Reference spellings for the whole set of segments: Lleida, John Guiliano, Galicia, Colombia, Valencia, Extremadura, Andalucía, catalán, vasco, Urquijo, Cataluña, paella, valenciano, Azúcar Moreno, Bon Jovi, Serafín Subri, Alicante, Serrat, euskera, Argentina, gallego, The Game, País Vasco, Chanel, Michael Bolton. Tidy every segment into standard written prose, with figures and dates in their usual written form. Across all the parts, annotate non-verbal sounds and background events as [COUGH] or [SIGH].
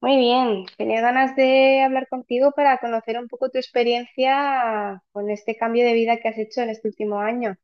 Muy bien, tenía ganas de hablar contigo para conocer un poco tu experiencia con este cambio de vida que has hecho en este último año.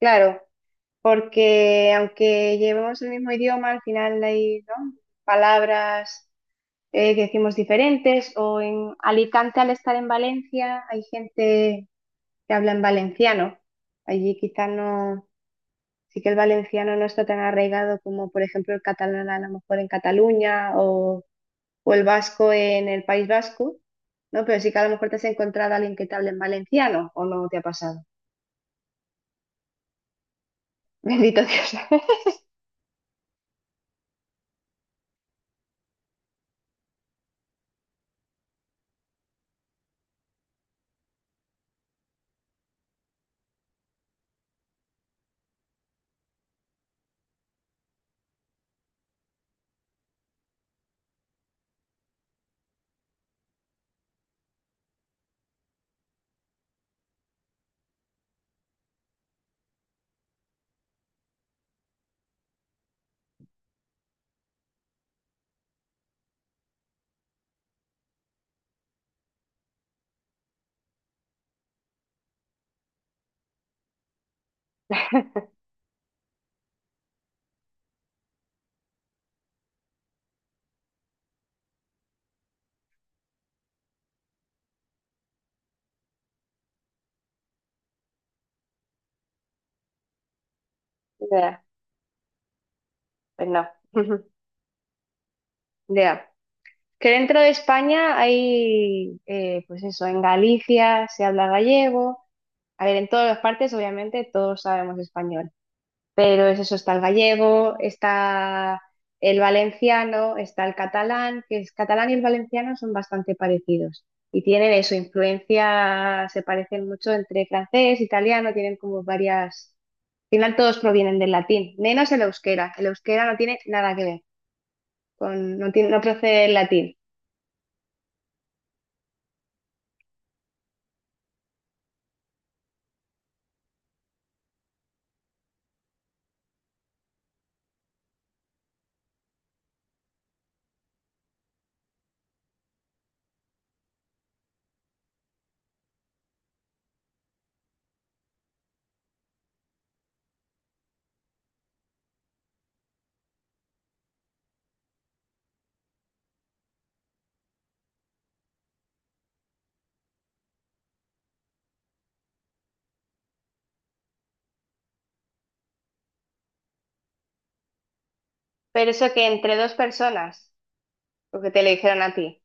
Claro, porque aunque llevemos el mismo idioma, al final hay, ¿no?, palabras que decimos diferentes, o en Alicante al estar en Valencia hay gente que habla en valenciano. Allí quizá no, sí que el valenciano no está tan arraigado como por ejemplo el catalán a lo mejor en Cataluña o el vasco en el País Vasco, ¿no? Pero sí que a lo mejor te has encontrado a alguien que te hable en valenciano o no te ha pasado. [LAUGHS] Bendito Dios. Ya, pues no. [LAUGHS] Ya. Que dentro de España hay, pues eso, en Galicia se habla gallego. A ver, en todas las partes, obviamente, todos sabemos español. Pero es eso, está el gallego, está el valenciano, está el catalán, que el catalán y el valenciano son bastante parecidos. Y tienen eso, influencia, se parecen mucho entre francés, italiano, tienen como varias... Al final todos provienen del latín, menos el euskera. El euskera no tiene nada que ver, con, no, tiene, no procede del latín. Pero eso que entre dos personas, lo que te le dijeron a ti.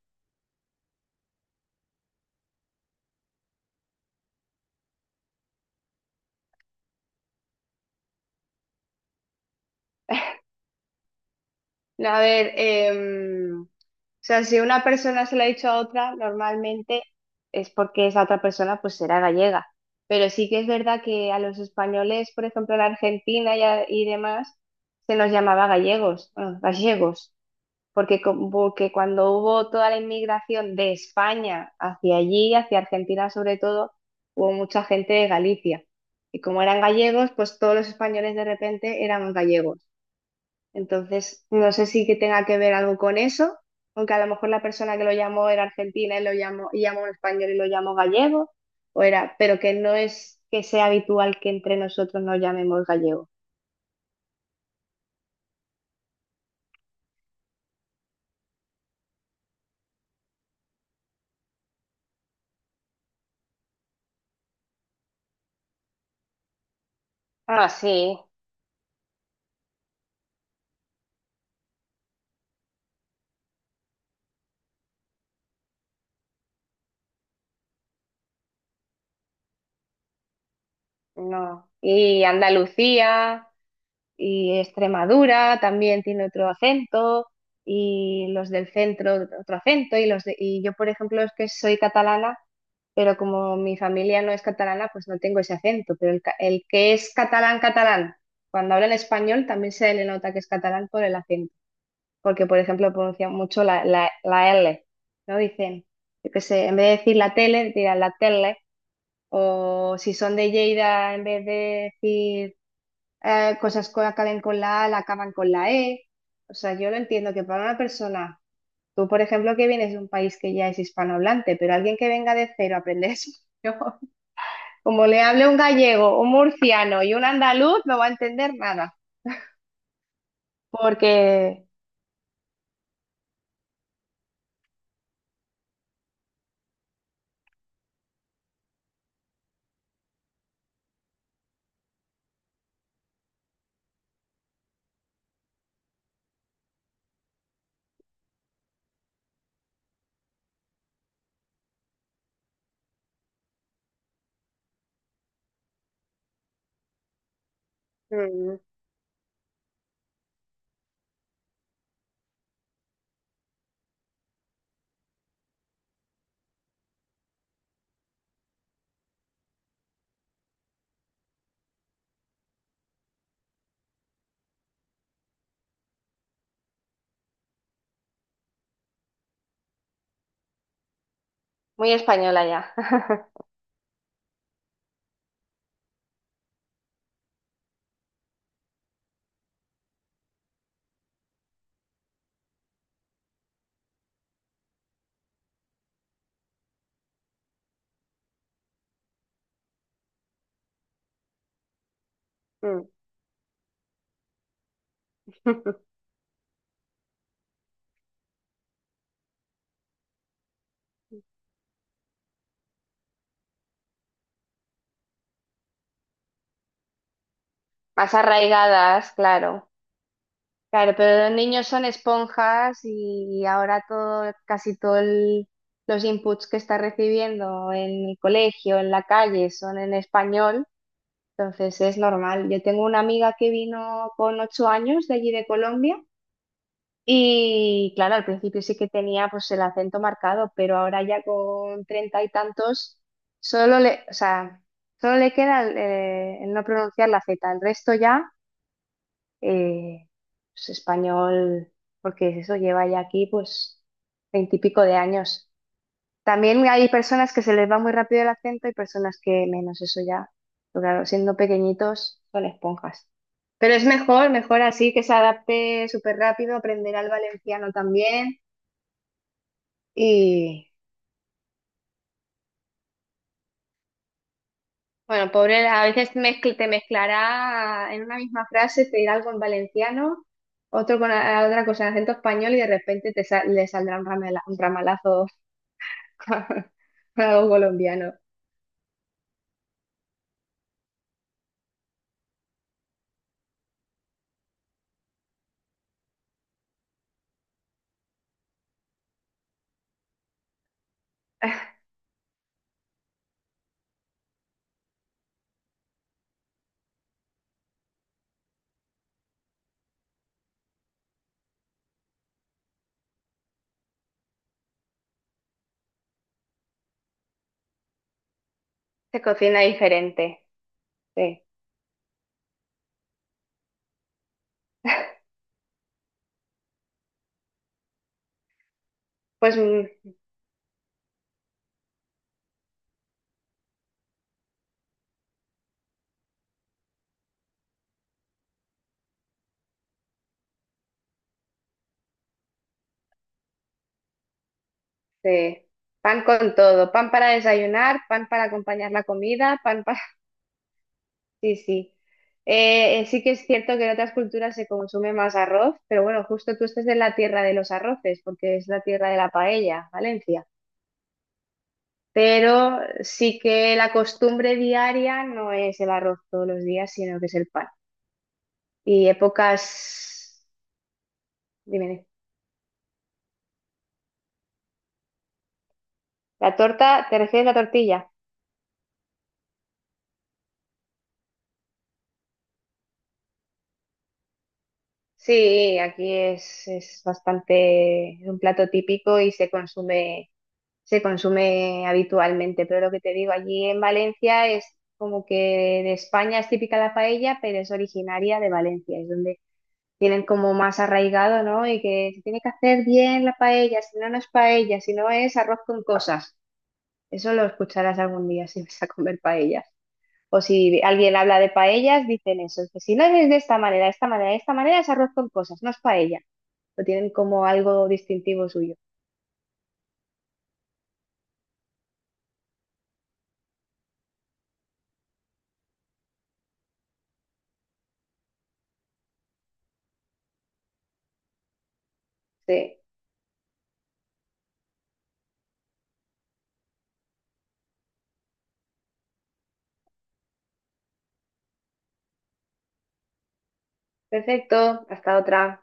A ver, o sea, si una persona se lo ha dicho a otra, normalmente es porque esa otra persona pues será gallega. Pero sí que es verdad que a los españoles, por ejemplo, en Argentina y, y demás, se nos llamaba gallegos, bueno, gallegos, porque, porque cuando hubo toda la inmigración de España hacia allí, hacia Argentina sobre todo, hubo mucha gente de Galicia. Y como eran gallegos, pues todos los españoles de repente éramos gallegos. Entonces, no sé si que tenga que ver algo con eso, aunque a lo mejor la persona que lo llamó era argentina y lo llamó, y llamó a un español y lo llamó gallego, o era, pero que no es que sea habitual que entre nosotros nos llamemos gallego. Ah, sí, no. Y Andalucía. Y Extremadura también tiene otro acento y los del centro otro acento y los y yo por ejemplo es que soy catalana, pero como mi familia no es catalana pues no tengo ese acento, pero el, el que es catalán catalán cuando habla en español también se le nota que es catalán por el acento, porque por ejemplo pronuncian mucho la L, no dicen yo qué sé, en vez de decir la tele dirán la tele, o si son de Lleida en vez de decir cosas que acaben con la A, la acaban con la E. O sea, yo lo entiendo que para una persona, tú por ejemplo que vienes de un país que ya es hispanohablante, pero alguien que venga de cero a aprender [LAUGHS] español, como le hable un gallego, un murciano y un andaluz, no va a entender nada, porque mm, muy española ya. [LAUGHS] Mm. [LAUGHS] Más arraigadas, claro. Claro, pero los niños son esponjas y ahora todo, casi todos los inputs que está recibiendo en el colegio, en la calle, son en español, entonces es normal. Yo tengo una amiga que vino con 8 años de allí de Colombia y claro, al principio sí que tenía pues el acento marcado, pero ahora ya con treinta y tantos solo le, o sea, solo le queda el no pronunciar la Z, el resto ya eh, pues, español, porque eso lleva ya aquí pues veintipico de años. También hay personas que se les va muy rápido el acento y personas que menos, eso ya. Pero claro, siendo pequeñitos son esponjas. Pero es mejor, mejor así que se adapte súper rápido, aprenderá el valenciano también. Y bueno, pobre, a veces te mezclará en una misma frase, te dirá algo en valenciano, otro con otra cosa en acento español y de repente te le saldrá un un ramalazo. [LAUGHS] Algo colombiano. Se cocina diferente. Sí. Pues sí. Pan con todo. Pan para desayunar, pan para acompañar la comida, pan para... [LAUGHS] Sí, sí. Sí que es cierto que en otras culturas se consume más arroz, pero bueno, justo tú estás en la tierra de los arroces, porque es la tierra de la paella, Valencia. Pero sí que la costumbre diaria no es el arroz todos los días, sino que es el pan. Y épocas... Dime, dime. ¿La torta? ¿Te refieres a la tortilla? Sí, aquí es bastante, es un plato típico y se consume habitualmente. Pero lo que te digo, allí en Valencia es como que de España es típica la paella, pero es originaria de Valencia, es donde tienen como más arraigado, ¿no? Y que se tiene que hacer bien la paella, si no, no es paella, si no es arroz con cosas. Eso lo escucharás algún día si vas a comer paellas. O si alguien habla de paellas, dicen eso, que si no es de esta manera, de esta manera, de esta manera es arroz con cosas, no es paella, lo tienen como algo distintivo suyo. Sí, perfecto, hasta otra.